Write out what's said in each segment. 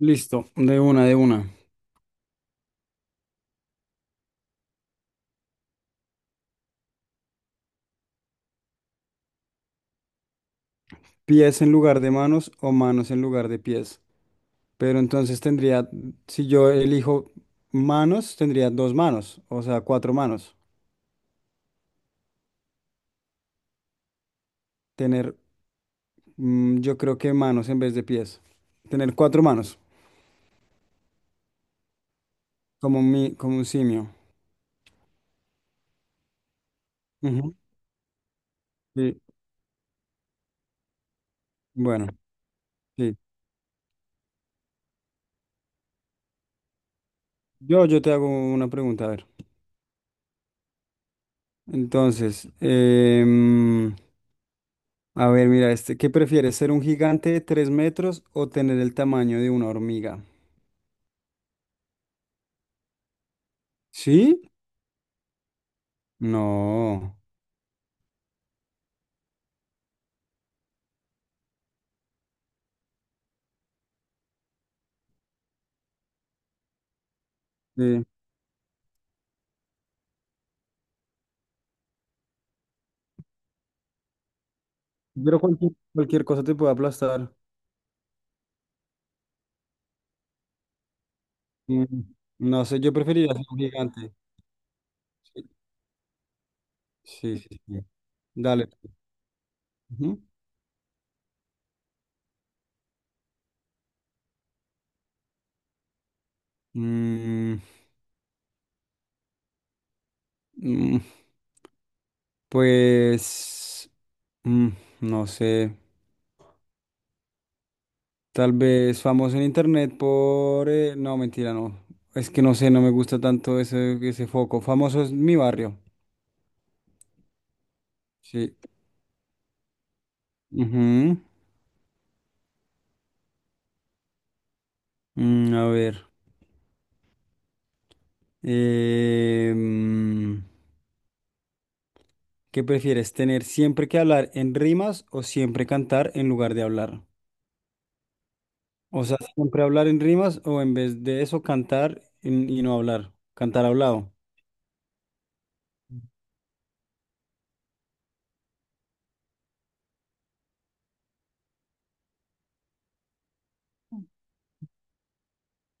Listo, de una, de una. Pies en lugar de manos o manos en lugar de pies. Pero entonces tendría, si yo elijo manos, tendría dos manos, o sea, cuatro manos. Tener, yo creo que manos en vez de pies. Tener cuatro manos, como un simio. Ujú. Sí, bueno, sí. Yo te hago una pregunta, a ver. Entonces, a ver, mira, ¿qué prefieres, ser un gigante de 3 metros o tener el tamaño de una hormiga? ¿Sí? No, sí. Pero cualquier cosa te puede aplastar. Mm, no sé, yo preferiría ser un gigante. Sí, sí, sí. Sí. Dale, pues. Ujú. Mm, mm, pues, mm, no sé, tal vez famoso en internet no, mentira, no. Es que no sé, no me gusta tanto ese foco. Famoso es mi barrio. Sí. Ujú. A ver. Eh, ¿Qué prefieres, tener siempre que hablar en rimas o siempre cantar en lugar de hablar? O sea, siempre hablar en rimas o en vez de eso y no hablar, cantar hablado.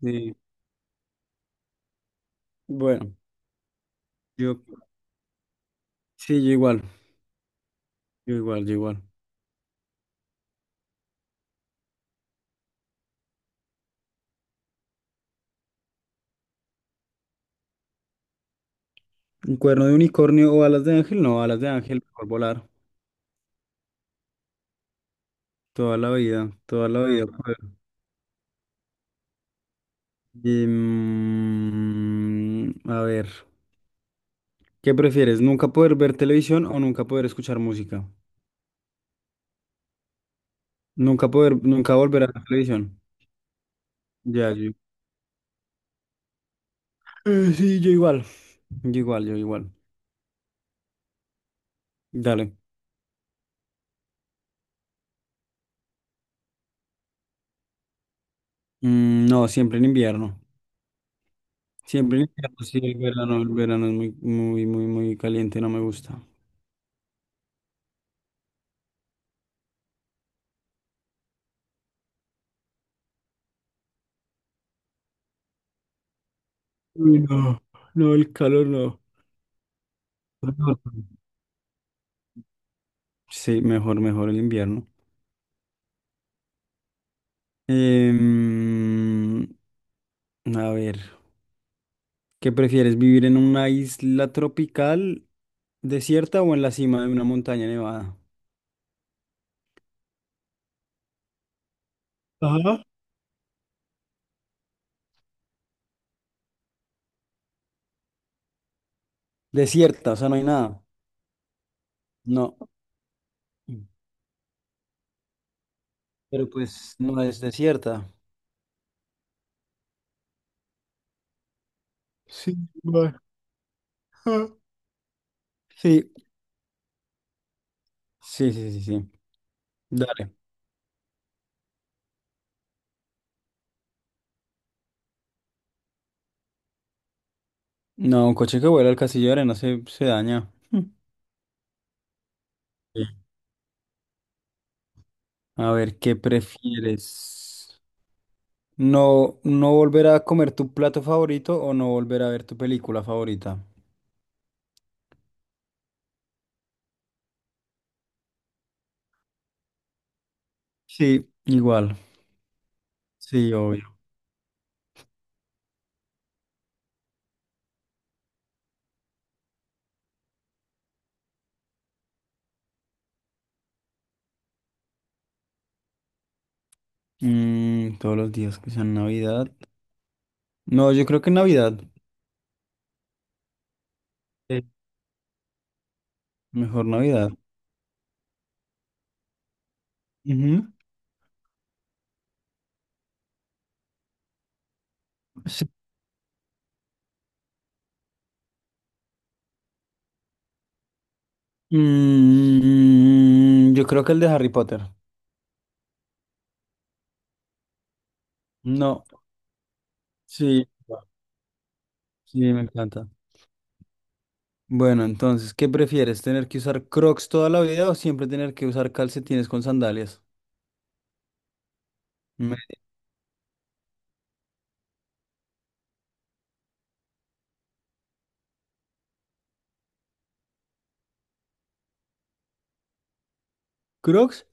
Sí, bueno, yo sí, yo igual, yo igual, yo igual. ¿Un cuerno de unicornio o alas de ángel? No, alas de ángel, mejor volar. Toda la vida, toda la vida. Poder. Y, a ver, ¿qué prefieres? ¿Nunca poder ver televisión o nunca poder escuchar música? Nunca volver a la televisión. Ya, yo sí, yo igual. Yo igual, yo igual. Dale. No, siempre en invierno. Siempre en invierno, sí, el verano es muy, muy, muy, muy caliente, no me gusta. Uy, no, no, el calor no. Calor. Sí, mejor, mejor el invierno. Em, a ver, ¿qué prefieres, vivir en una isla tropical desierta o en la cima de una montaña nevada? Ajá. Desierta, o sea, no hay nada. No, pero pues no es desierta. Sí, va. Ah. Sí, sí, sí, sí, sí. Dale. No, un coche que vuela, al castillo, casillero no se daña. Mm. Sí. A ver, ¿qué prefieres? ¿No, no volver a comer tu plato favorito o no volver a ver tu película favorita? Sí, igual. Sí, obvio. Todos los días que sean Navidad. No, yo creo que Navidad. Sí. Mejor Navidad. Ujú. Sí. Yo creo que el de Harry Potter. No. Sí. Sí, me encanta. Bueno, entonces, ¿qué prefieres? ¿Tener que usar Crocs toda la vida o siempre tener que usar calcetines con sandalias? Me- ¿Crocs?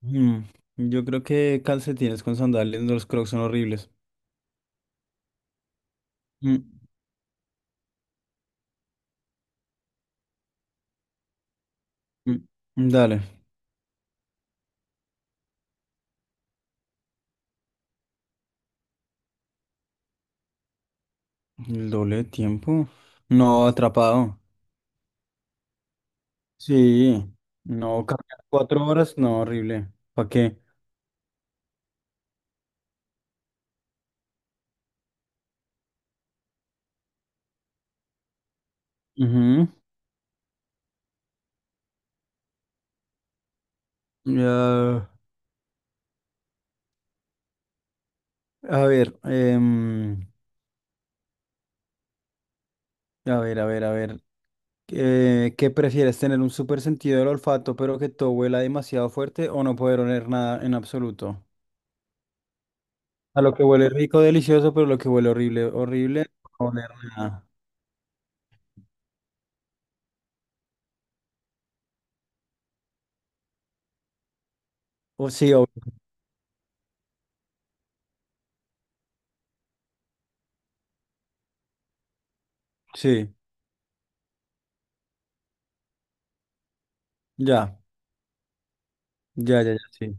Mm, Yo creo que calcetines con sandalias, los Crocs son horribles. Mm, mm, Dale, el doble de tiempo. No, atrapado. Sí, no, cargar 4 horas, no, horrible. ¿Para qué? Ujú. Ya, a ver, a ver, a ver, a ver. ¿Qué prefieres, tener un súper sentido del olfato, pero que todo huela demasiado fuerte o no poder oler nada en absoluto? A lo que huele rico, delicioso, pero lo que huele horrible, horrible, no oler nada. O sí, sí, ya, ya, ya, ya, sí.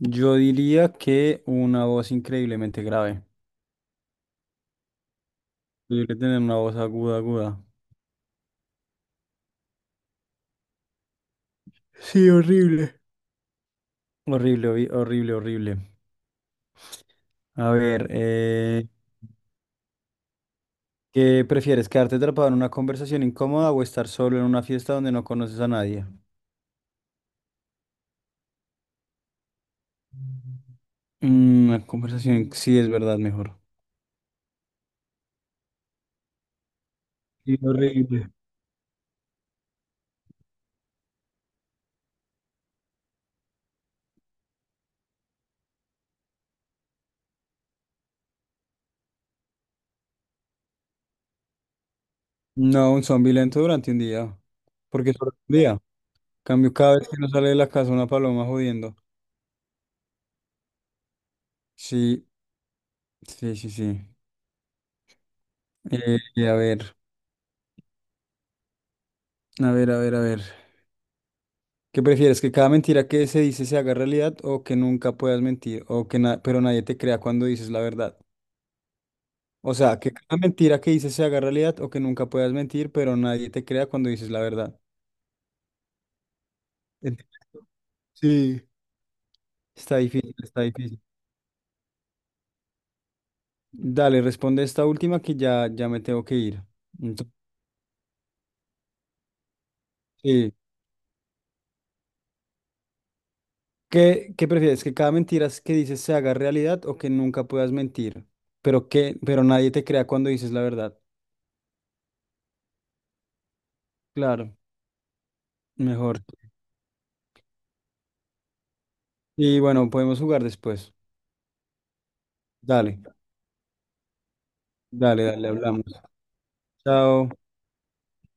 Yo diría que una voz increíblemente grave. Yo diría tener una voz aguda, aguda. Sí, horrible. Horrible, horrible, horrible. A ver. ¿Qué prefieres, quedarte atrapado en una conversación incómoda o estar solo en una fiesta donde no conoces a nadie? Una conversación, sí, es verdad, mejor. Sí, horrible. No, un zombie lento durante un día. Porque solo un día. Cambio cada vez que no sale de la casa una paloma jodiendo. Sí, sí, sí, sí. Y a ver, a ver, a ver, a ver. ¿Qué prefieres? ¿Que cada mentira que se dice se haga realidad o que nunca puedas mentir pero nadie te crea cuando dices la verdad? O sea, que cada mentira que dices se haga realidad o que nunca puedas mentir, pero nadie te crea cuando dices la verdad. Ent- Sí. Está difícil, está difícil. Dale, responde esta última que ya, ya me tengo que ir. Entonces, sí. ¿Qué prefieres? ¿Que cada mentira que dices se haga realidad o que nunca puedas mentir? Pero nadie te crea cuando dices la verdad. Claro, mejor. Y bueno, podemos jugar después. Dale, dale, dale, hablamos. Chao.